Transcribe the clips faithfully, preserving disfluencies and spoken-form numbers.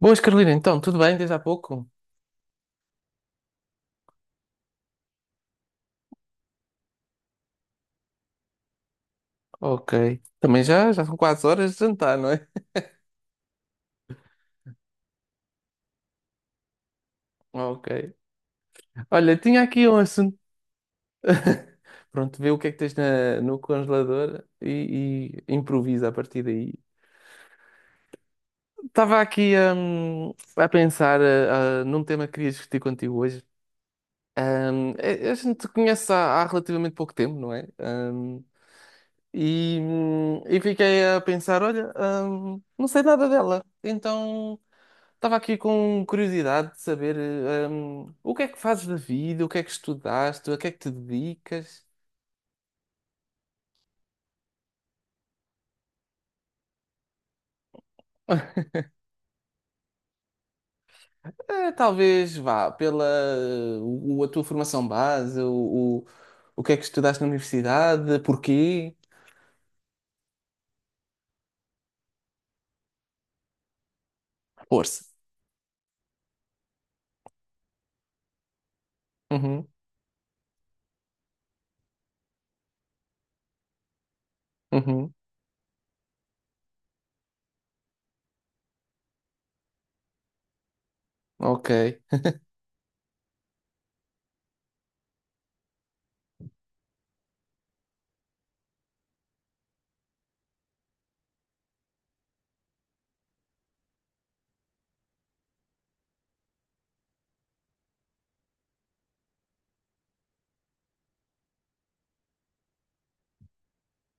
Boas, Carolina, então, tudo bem desde há pouco? Ok. Também já, já são quase horas de jantar, não é? Ok. Olha, tinha aqui um assunto. Pronto, vê o que é que tens na- no congelador e, e improvisa a partir daí. Estava aqui hum, a pensar ah, ah, num tema que queria discutir contigo hoje. Hum, a, a gente conhece há, há relativamente pouco tempo, não é? Hum, e, hum, e fiquei a pensar, olha, hum, não sei nada dela, então. Estava aqui com curiosidade de saber, eh, hum, o que é que fazes da vida, o que é que estudaste, a que é que te dedicas? Eh, talvez vá pela o- a tua formação base, o, o, o que é que estudaste na universidade, porquê? Força. Uhum, uhum, ok.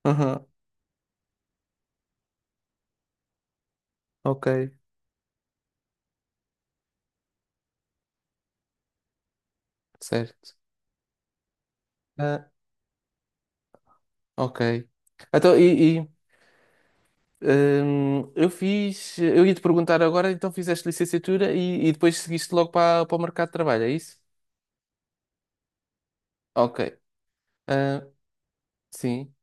Uhum, ok, certo. Ah, ok. Então, e, e, hum, eu fiz, eu ia te perguntar agora, então fizeste licenciatura e, e depois seguiste logo para, para o mercado de trabalho, é isso? Ok. Ah, sim,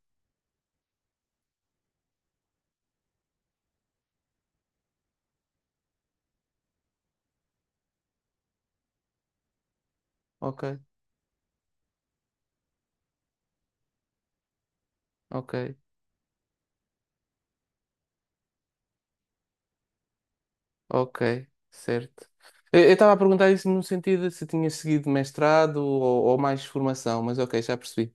ok, ok, ok, certo. Eu estava a perguntar isso no sentido de se tinha seguido mestrado ou, ou mais formação, mas ok, já percebi.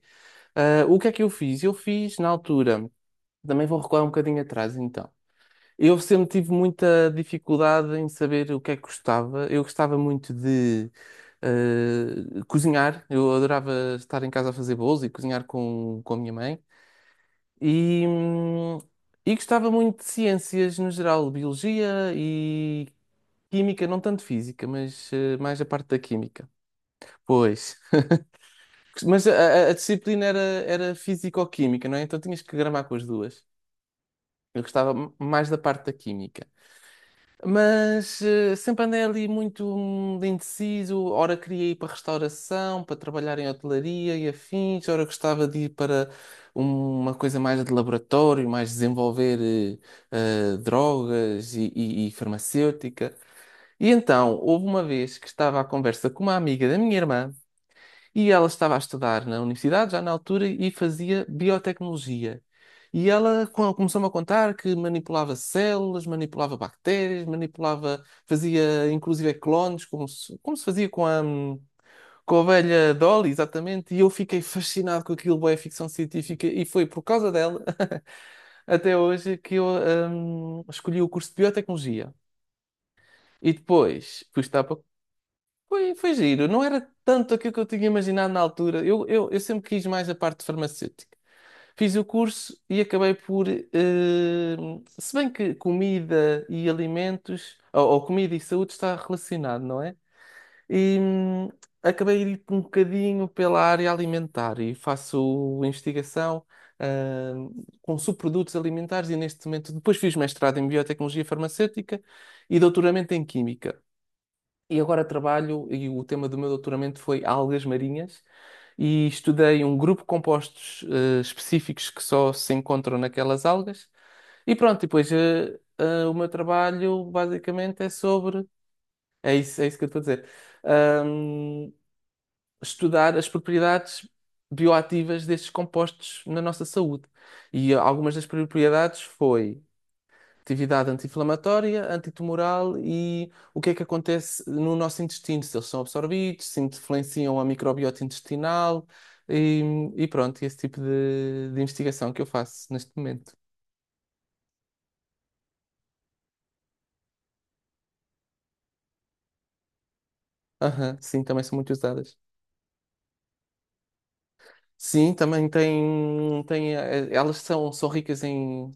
Ah, o que é que eu fiz? Eu fiz na altura, também vou recuar um bocadinho atrás então. Eu sempre tive muita dificuldade em saber o que é que gostava. Eu gostava muito de ah, cozinhar, eu adorava estar em casa a fazer bolos e cozinhar com, com a minha mãe. E, hum, e gostava muito de ciências no geral, biologia e química, não tanto física, mas eh, mais a parte da química. Pois, mas a, a- a disciplina era, era físico-química, não é? Então tinhas que gramar com as duas. Eu gostava m- mais da parte da química. Mas eh, sempre andei ali muito hum, indeciso. Ora queria ir para restauração, para trabalhar em hotelaria e afins. Ora gostava de ir para um- uma coisa mais de laboratório, mais desenvolver eh, eh, drogas e, e e farmacêutica. E então, houve uma vez que estava à conversa com uma amiga da minha irmã. E ela estava a estudar na universidade, já na altura, e fazia biotecnologia. E ela co- começou-me a contar que manipulava células, manipulava bactérias, manipulava, fazia inclusive clones, como se, como se fazia com a, hum, com a ovelha Dolly, exatamente. E eu fiquei fascinado com aquilo, bué, ficção científica, e foi por causa dela, até hoje, que eu hum, escolhi o curso de biotecnologia. E depois fui estudar para foi, foi giro, não era tanto aquilo que eu tinha imaginado na altura. Eu, eu, eu sempre quis mais a parte farmacêutica. Fiz o curso e acabei por. Eh, se bem que comida e alimentos, ou, ou comida e saúde, está relacionado, não é? E hum, acabei de ir um bocadinho pela área alimentar e faço investigação ah, com subprodutos alimentares e neste momento. Depois fiz mestrado em biotecnologia farmacêutica e doutoramento em química. E agora trabalho, e o tema do meu doutoramento foi algas marinhas, e estudei um grupo de compostos eh, específicos que só se encontram naquelas algas. E pronto, e depois eh, eh, o meu trabalho basicamente é sobre. É isso, é isso que eu estou a dizer. Ahm, Estudar as propriedades bioativas destes compostos na nossa saúde. E algumas das propriedades foi Atividade anti-inflamatória, antitumoral e o que é que acontece no nosso intestino, se eles são absorvidos, se influenciam a microbiota intestinal e, e pronto, esse tipo de, de investigação que eu faço neste momento. Aham, sim, também são muito usadas. Sim, também tem, tem, eh, elas são, são ricas em.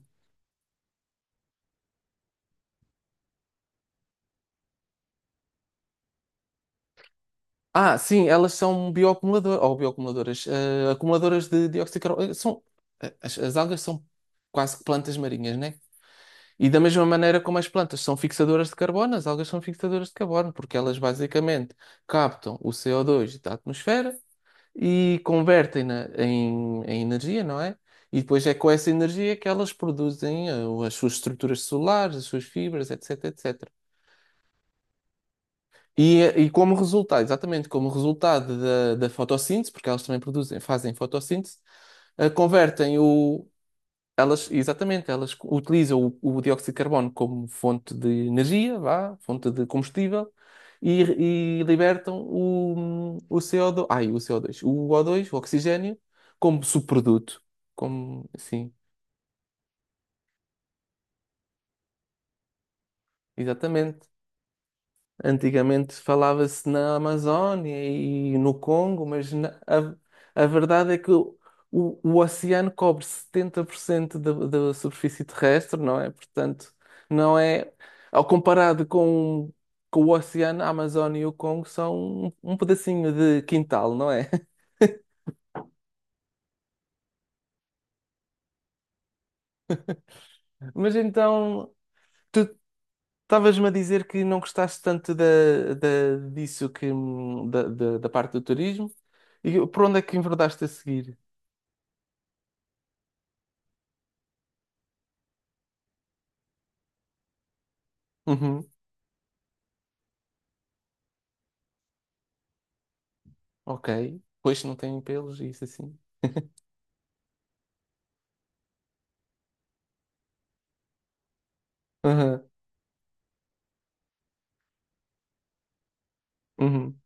Ah, sim, elas são bioacumuladoras, ou bioacumuladoras, eh, acumuladoras de dióxido de carbono. Eh, São, eh, as, as algas são quase que plantas marinhas, né? E da mesma maneira como as plantas são fixadoras de carbono, as algas são fixadoras de carbono, porque elas basicamente captam o C O dois da atmosfera e convertem-na em, em energia, não é? E depois é com essa energia que elas produzem eh, as suas estruturas celulares, as suas fibras, etc, etcétera. E, eh, e como resultado, exatamente como resultado da, da fotossíntese, porque elas também produzem, fazem fotossíntese, eh, convertem o, elas, exatamente, elas utilizam o, o dióxido de carbono como fonte de energia, vá, fonte de combustível, e, e libertam o, o C O dois, ai, o C O dois, o O2, o O dois, o oxigênio, como subproduto. Como, sim, exatamente. Antigamente falava-se na Amazónia e no Congo, mas na- a, a verdade é que o, o- o oceano cobre setenta por cento da, da superfície terrestre, não é? Portanto, não é. Ao comparado com, com o oceano, a Amazónia e o Congo são um, um pedacinho de quintal, não é? Mas então, tu estavas-me a dizer que não gostaste tanto da, da, disso que, hum, da, da, da parte do turismo. E por onde é que enverdaste a seguir? Uhum. Ok. Pois não tem pelos, isso assim. Aham. Uhum.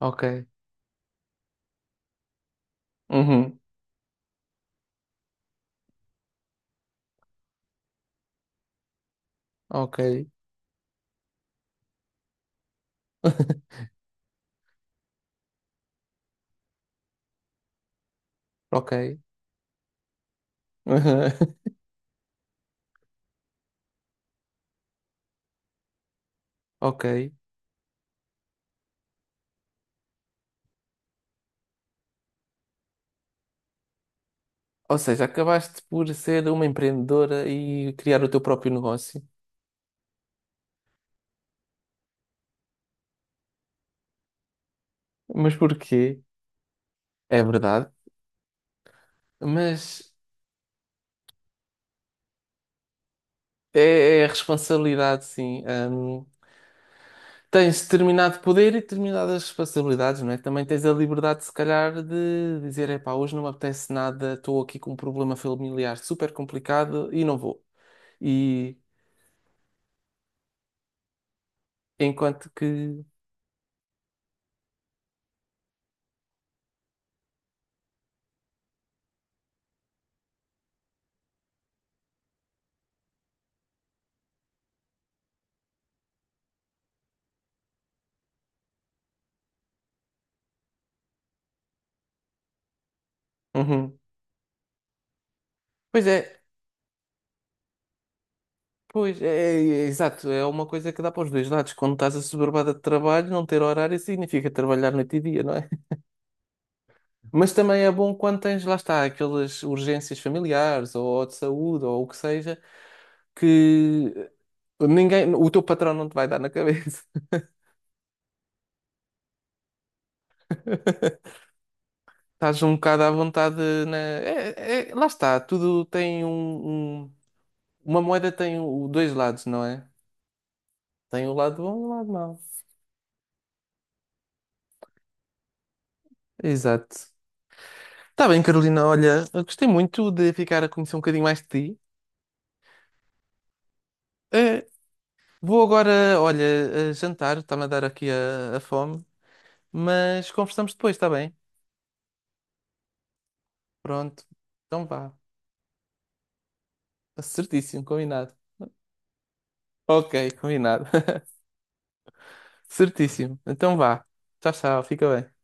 Ok. Uhum. Ok. Ok. Aham. Ok. Ou seja, acabaste por ser uma empreendedora e criar o teu próprio negócio. Mas porquê? É verdade. Mas é, é responsabilidade, sim. Hum, tens determinado poder e determinadas responsabilidades, não é? Também tens a liberdade, se calhar, de dizer: epá, hoje não me apetece nada, estou aqui com um problema familiar super complicado e não vou. E enquanto que. Uhum. Pois é, pois é, é, é, exato, é uma coisa que dá para os dois lados. Quando estás assoberbada de trabalho, não ter horário significa trabalhar noite e dia, não é? Mas também é bom quando tens, lá está, aquelas urgências familiares ou de saúde ou o que seja, que ninguém, o teu patrão não te vai dar na cabeça. Estás um bocado à vontade na... é- é- lá está, tudo tem um, um- Uma moeda tem o- dois lados, não é? Tem o lado bom e o lado mau. Exato. Está bem, Carolina. Olha, eu gostei muito de ficar a conhecer um bocadinho mais de ti. Eh, Vou agora, olha, a jantar. Está-me a dar aqui a, a fome. Mas conversamos depois, está bem? Pronto. Então vá. Certíssimo, combinado. Ok, combinado. Certíssimo. Então vá. Tchau, tchau. Fica bem.